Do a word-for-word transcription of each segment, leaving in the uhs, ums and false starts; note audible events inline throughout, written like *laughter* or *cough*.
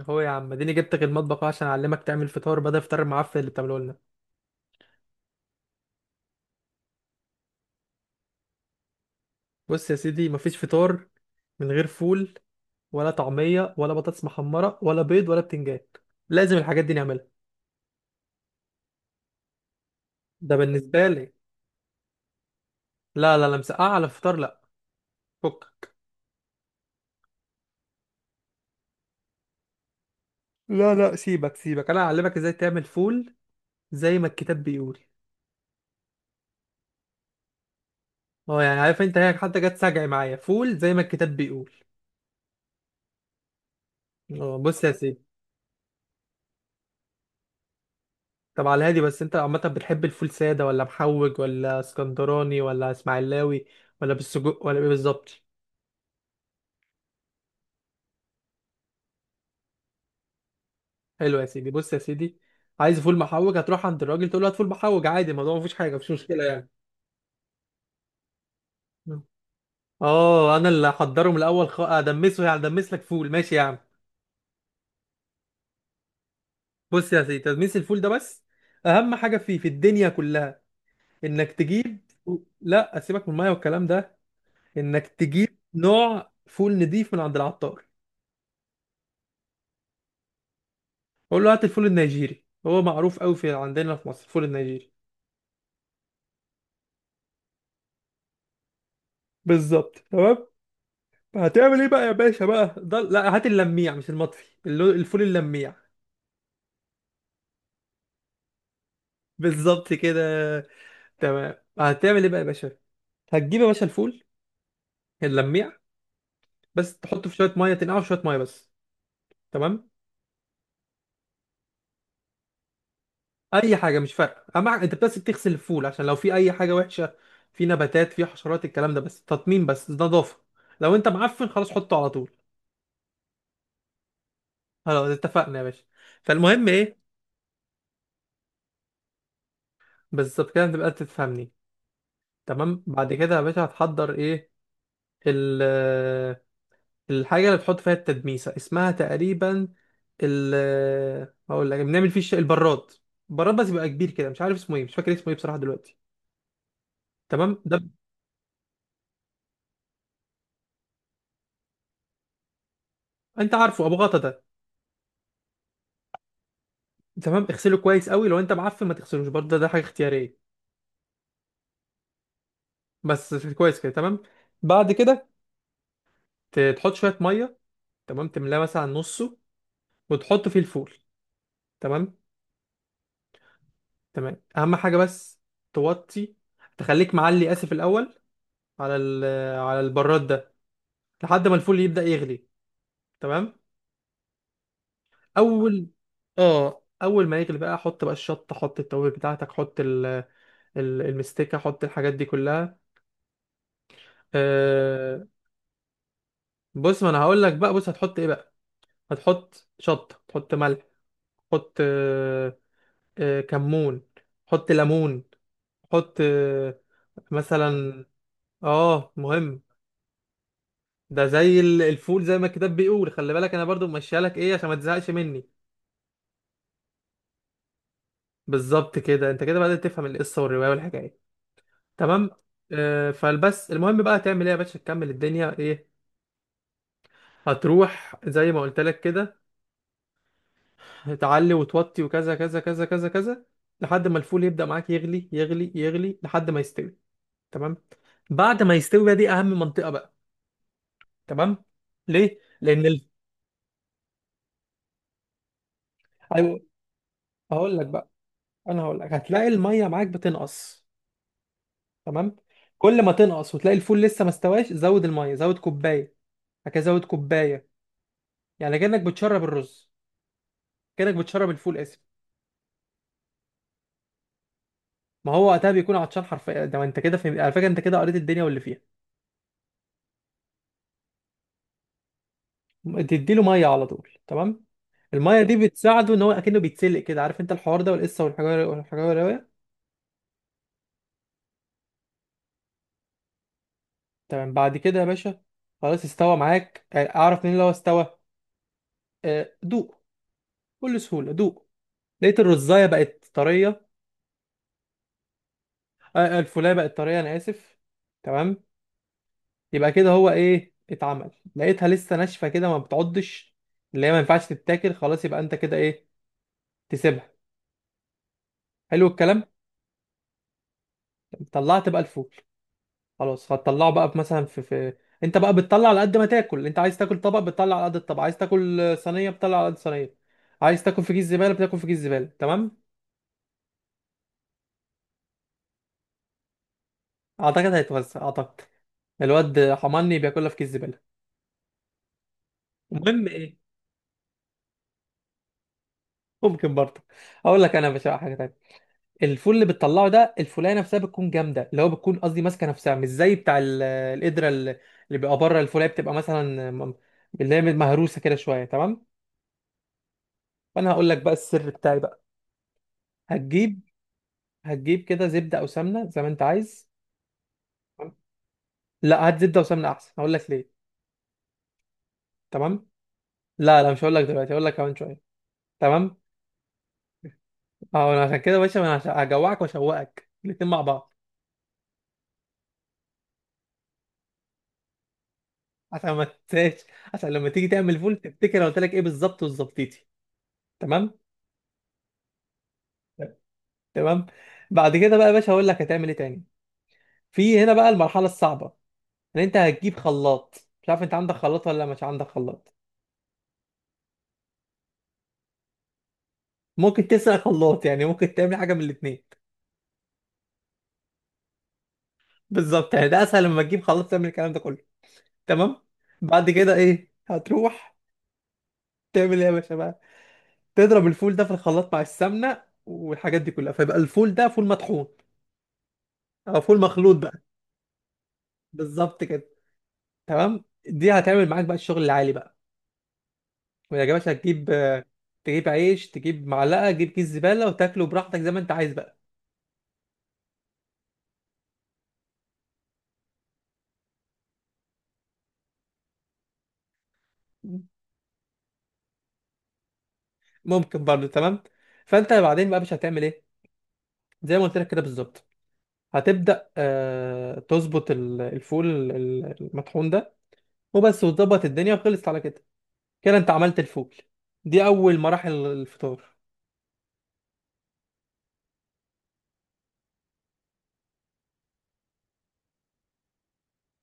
هو يا عم اديني جبتك المطبخ أهو عشان اعلمك تعمل فطار بدل الفطار المعفن اللي بتعمله لنا. بص يا سيدي، مفيش فطار من غير فول ولا طعميه ولا بطاطس محمره ولا بيض ولا بتنجان. لازم الحاجات دي نعملها. ده بالنسبه لي. لا لا لا، مسقعه على الفطار؟ لا. فك. لا لا، سيبك سيبك، انا هعلمك ازاي تعمل فول زي ما الكتاب بيقول. اه يعني عارف انت، هي حتى جت سجعي معايا، فول زي ما الكتاب بيقول. اه بص يا سيدي. طب على الهادي، بس انت عامة بتحب الفول سادة ولا محوج ولا اسكندراني ولا اسماعيلاوي ولا بالسجق ولا ايه بالظبط؟ حلو يا سيدي، بص يا سيدي، عايز فول محوج. هتروح عند الراجل تقول له هات فول محوج، عادي، الموضوع مفيش حاجة، مفيش مشكلة يعني. اه انا اللي هحضره من الاول. خ... ادمسه يعني، ادمس لك فول، ماشي يا عم. بص يا سيدي، تدميس الفول ده بس اهم حاجة فيه في الدنيا كلها. انك تجيب، لا سيبك من المية والكلام ده، انك تجيب نوع فول نضيف من عند العطار. بقول له هات الفول النيجيري، هو معروف قوي في عندنا في مصر الفول النيجيري. بالظبط تمام. هتعمل ايه بقى يا باشا بقى؟ ده لا، هات اللميع مش المطفي. اللو- الفول اللميع. بالظبط كده تمام. هتعمل ايه بقى يا باشا؟ هتجيب يا باشا الفول اللميع، بس تحطه في شويه ميه، تنقعه في شويه ميه بس. تمام. اي حاجه مش فارقه، اما ع- انت بس بتغسل الفول عشان لو في اي حاجه وحشه، في نباتات، في حشرات، الكلام ده، بس تطمين، بس نظافه. لو انت معفن خلاص حطه على طول. خلاص اتفقنا يا باشا. فالمهم ايه؟ بالظبط كده، تبقى أنت تفهمني. تمام. بعد كده يا باشا هتحضر ايه؟ ال الحاجة اللي بتحط فيها التدميسة اسمها تقريبا ال هقول لك، بنعمل فيه الش- البراد. البراد بس يبقى كبير كده، مش عارف اسمه ايه، مش فاكر اسمه ايه بصراحة دلوقتي. تمام ده. انت عارفه ابو غطا ده. تمام، اغسله كويس قوي، لو انت معفن ما تغسلوش برضه، ده, ده حاجة اختيارية. بس كويس كده. تمام بعد كده، ت- تحط شوية مية، تمام، تملاه مثلا نصه، وتحط فيه الفول. تمام. تمام اهم حاجه بس، توطي، تخليك معلي، اسف، الاول على ال... على البراد ده، لحد ما الفول يبدا يغلي. تمام. اول اه اول ما يغلي بقى، حط بقى الشطه، حط التوابل بتاعتك، حط ال... ال- المستكه، حط الحاجات دي كلها. أه... بص، ما انا هقول لك بقى، بص هتحط ايه بقى. هتحط شطه، تحط ملح، تحط أه... أه... كمون، حط ليمون، حط أه... مثلا. اه مهم. ده زي ال- الفول زي ما الكتاب بيقول، خلي بالك انا برضو ممشيها لك ايه، عشان ما تزهقش مني. بالظبط كده، انت كده بدأت تفهم القصه والروايه والحكايه. تمام. آه فالبس المهم بقى، تعمل ايه يا باشا، تكمل الدنيا ايه؟ هتروح زي ما قلت لك كده، تعلي وتوطي وكذا كذا كذا كذا كذا لحد ما الفول يبدأ معاك يغلي يغلي يغلي لحد ما يستوي. تمام. بعد ما يستوي بقى، دي اهم منطقه بقى. تمام. ليه؟ لان ال... أيوة، هقول لك بقى. انا هقول لك، هتلاقي الميه معاك بتنقص. تمام. كل ما تنقص وتلاقي الفول لسه ما استواش، زود الميه، زود كوبايه، هكذا، زود كوبايه. يعني كانك بتشرب الرز، كانك بتشرب الفول، اسف. ما هو وقتها بيكون عطشان حرفيا. ده انت كده فهمت على فكره، انت كده قريت الدنيا واللي فيها. تديله ميه على طول. تمام. الميه دي بتساعده ان هو اكنه بيتسلق كده، عارف انت الحوار ده والقصه والحجاره والحجاره. تمام. بعد كده يا باشا، خلاص استوى معاك. آه، اعرف منين لو استوى؟ آه، دوق. بكل سهوله دوق. لقيت الرزايه بقت طريه، آه، الفولايه بقت طريه، انا اسف. تمام. يبقى كده هو ايه اتعمل؟ لقيتها لسه ناشفه كده، ما بتعضش، اللي هي ما ينفعش تتاكل، خلاص يبقى انت كده ايه، تسيبها. حلو الكلام. طلعت بقى الفول. خلاص هتطلعه بقى في، مثلا، في, في انت بقى بتطلع على قد ما تاكل. انت عايز تاكل طبق، بتطلع على قد الطبق، عايز تاكل صينيه، بتطلع على قد الصينيه، عايز تاكل في كيس زباله، بتاكل في كيس زباله. تمام. اعتقد هيتوزع اعتقد. الواد حماني بياكلها في كيس زباله. المهم ايه؟ ممكن برضه. اقول لك انا يا باشا حاجه تانية، الفول اللي بتطلعه ده، الفولايه نفسها بتكون جامده، اللي هو بتكون قصدي ماسكه نفسها، مش زي بتاع ال- القدره اللي اللي بيبقى بره الفولايه، بتبقى مثلا م- اللي هي مهروسه كده شويه. تمام. فانا هقول لك بقى السر بتاعي بقى. هتجيب هتجيب كده زبده او سمنه زي ما انت عايز. تمام؟ لا، هات زبده وسمنه احسن، هقول لك ليه. تمام. لا لا، مش هقول لك دلوقتي، هقول لك كمان شويه. تمام. اه انا عشان كده يا باشا، انا عشان- هجوعك واشوقك الاتنين مع بعض. عشان ما تنساش، عشان لما تيجي تعمل فول تفتكر انا قلت لك ايه بالظبط وظبطيتي. تمام. تمام بعد كده بقى يا باشا، هقول لك هتعمل ايه تاني. في هنا بقى المرحله الصعبه، ان انت هتجيب خلاط، مش عارف انت عندك خلاط ولا مش عندك خلاط. ممكن تسرق خلاط يعني، ممكن تعمل حاجه من الاثنين. بالظبط يعني، ده اسهل لما تجيب خلاط، تعمل الكلام ده كله. تمام. بعد كده ايه، هتروح تعمل ايه يا باشا بقى؟ تضرب الفول ده في الخلاط مع السمنه والحاجات دي كلها، فيبقى الفول ده فول مطحون او فول مخلوط بقى. بالظبط كده. تمام، دي هتعمل معاك بقى الشغل العالي بقى. ما عجبكش، هتجيب، آه، تجيب عيش، تجيب معلقه، تجيب كيس زباله، وتاكله براحتك زي ما انت عايز بقى. ممكن برضه. تمام. فانت بعدين بقى مش هتعمل ايه؟ زي ما قلت لك كده بالظبط. هتبدا آه تظبط ال- الفول ال- ال- المطحون ده وبس، وتظبط الدنيا، وخلصت على كده. كده انت عملت الفول، دي اول مراحل الفطار.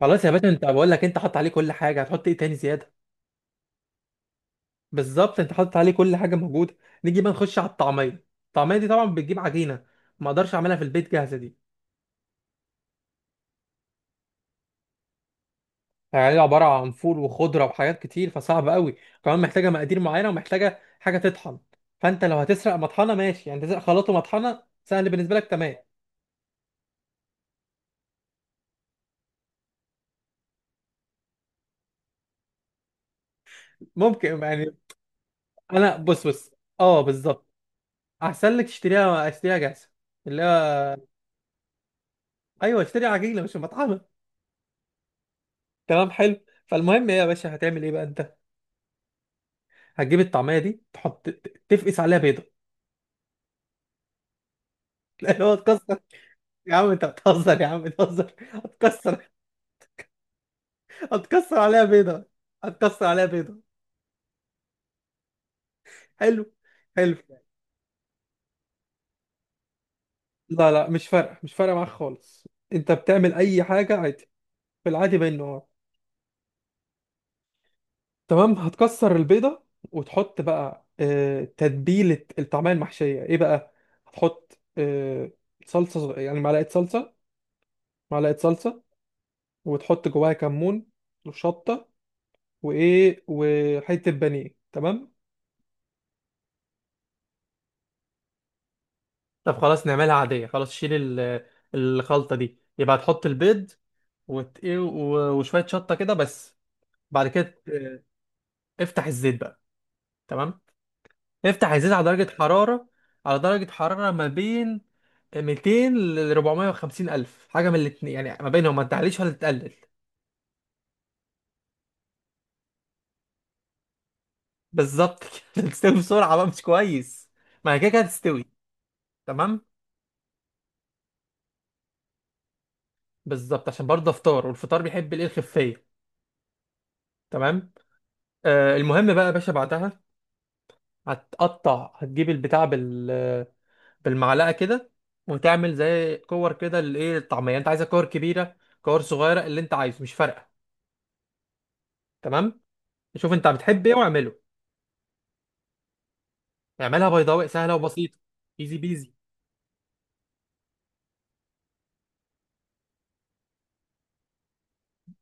خلاص يا باشا انت، بقول لك انت حط عليه كل حاجه، هتحط ايه تاني زياده؟ بالظبط، انت حاطط عليه كل حاجه موجوده. نيجي بقى نخش على الطعميه. الطعميه دي طبعا بتجيب عجينه، ما اقدرش اعملها في البيت جاهزه دي. يعني عباره عن فول وخضره وحاجات كتير، فصعب قوي، كمان محتاجه مقادير معينه، ومحتاجه حاجه تطحن. فانت لو هتسرق مطحنه ماشي، يعني تسرق خلاط ومطحنه سهل بالنسبه لك. تمام. ممكن يعني. انا بص بص، اه بالظبط، احسن لك تشتريها، اشتريها جاهزه، اللي هو، ايوه، اشتري عجينه مش مطحنه. تمام حلو. فالمهم ايه يا باشا، هتعمل ايه بقى انت؟ هتجيب الطعميه دي، تحط، تفقس عليها بيضه. *laughs* اللي هو تكسر. يا عم انت بتهزر يا عم، بتهزر. هتكسر هتكسر عليها بيضه. هتكسر عليها بيضه. حلو. حلو. لا لا، مش فارقه، مش فارقه معاك خالص. انت بتعمل اي حاجه عادي. في العادي بين النهار. تمام. هتكسر البيضه وتحط بقى، آه، تتبيله الطعميه المحشيه ايه بقى، هتحط آه، صلصه، صغ- يعني معلقه صلصه، معلقه صلصه، وتحط جواها كمون وشطه وايه وحته بانيه. تمام. طب خلاص، نعملها عادية، خلاص شيل ال- الخلطة دي، يبقى هتحط البيض وت... إيه و- وشوية شطة كده بس. بعد كده، افتح الزيت بقى. تمام. افتح الزيت على درجة حرارة، على درجة حرارة ما بين مئتين ل أربعمئة وخمسين ألف، حاجة من الاتنين يعني، ما بينهم، ما تعليش ولا تقلل. بالظبط كده. *laughs* تستوي بسرعة بقى، مش كويس، ما هي كده كده هتستوي. تمام. بالظبط، عشان برضه افطار، والفطار بيحب الايه، الخفية. تمام. آه المهم بقى يا باشا بعدها، هتقطع، هتجيب البتاع بال بالمعلقة كده، وتعمل زي كور كده للايه، الطعمية، انت عايزة كور كبيرة، كور صغيرة، اللي انت عايزه مش فارقة. تمام. شوف انت بتحب ايه واعمله. اعملها بيضاوي، سهله وبسيطه، ايزي بيزي.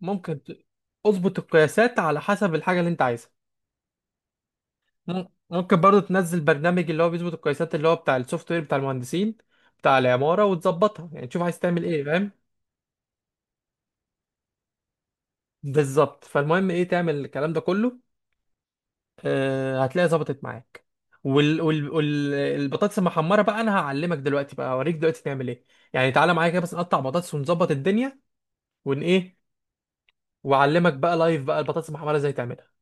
ممكن ت- اظبط القياسات على حسب الحاجه اللي انت عايزها. مم- ممكن برضو تنزل برنامج اللي هو بيظبط القياسات، اللي هو بتاع السوفت وير بتاع المهندسين، بتاع العماره، وتظبطها، يعني تشوف عايز تعمل ايه، فاهم؟ بالظبط. فالمهم ايه، تعمل الكلام ده كله، آه هتلاقي ظبطت معاك. وال... وال... وال... البطاطس المحمره بقى انا هعلمك دلوقتي بقى، اوريك دلوقتي تعمل ايه. يعني تعالى معايا كده بس، نقطع بطاطس، ونظبط الدنيا، ون ايه، واعلمك بقى لايف بقى البطاطس المحمره ازاي تعملها.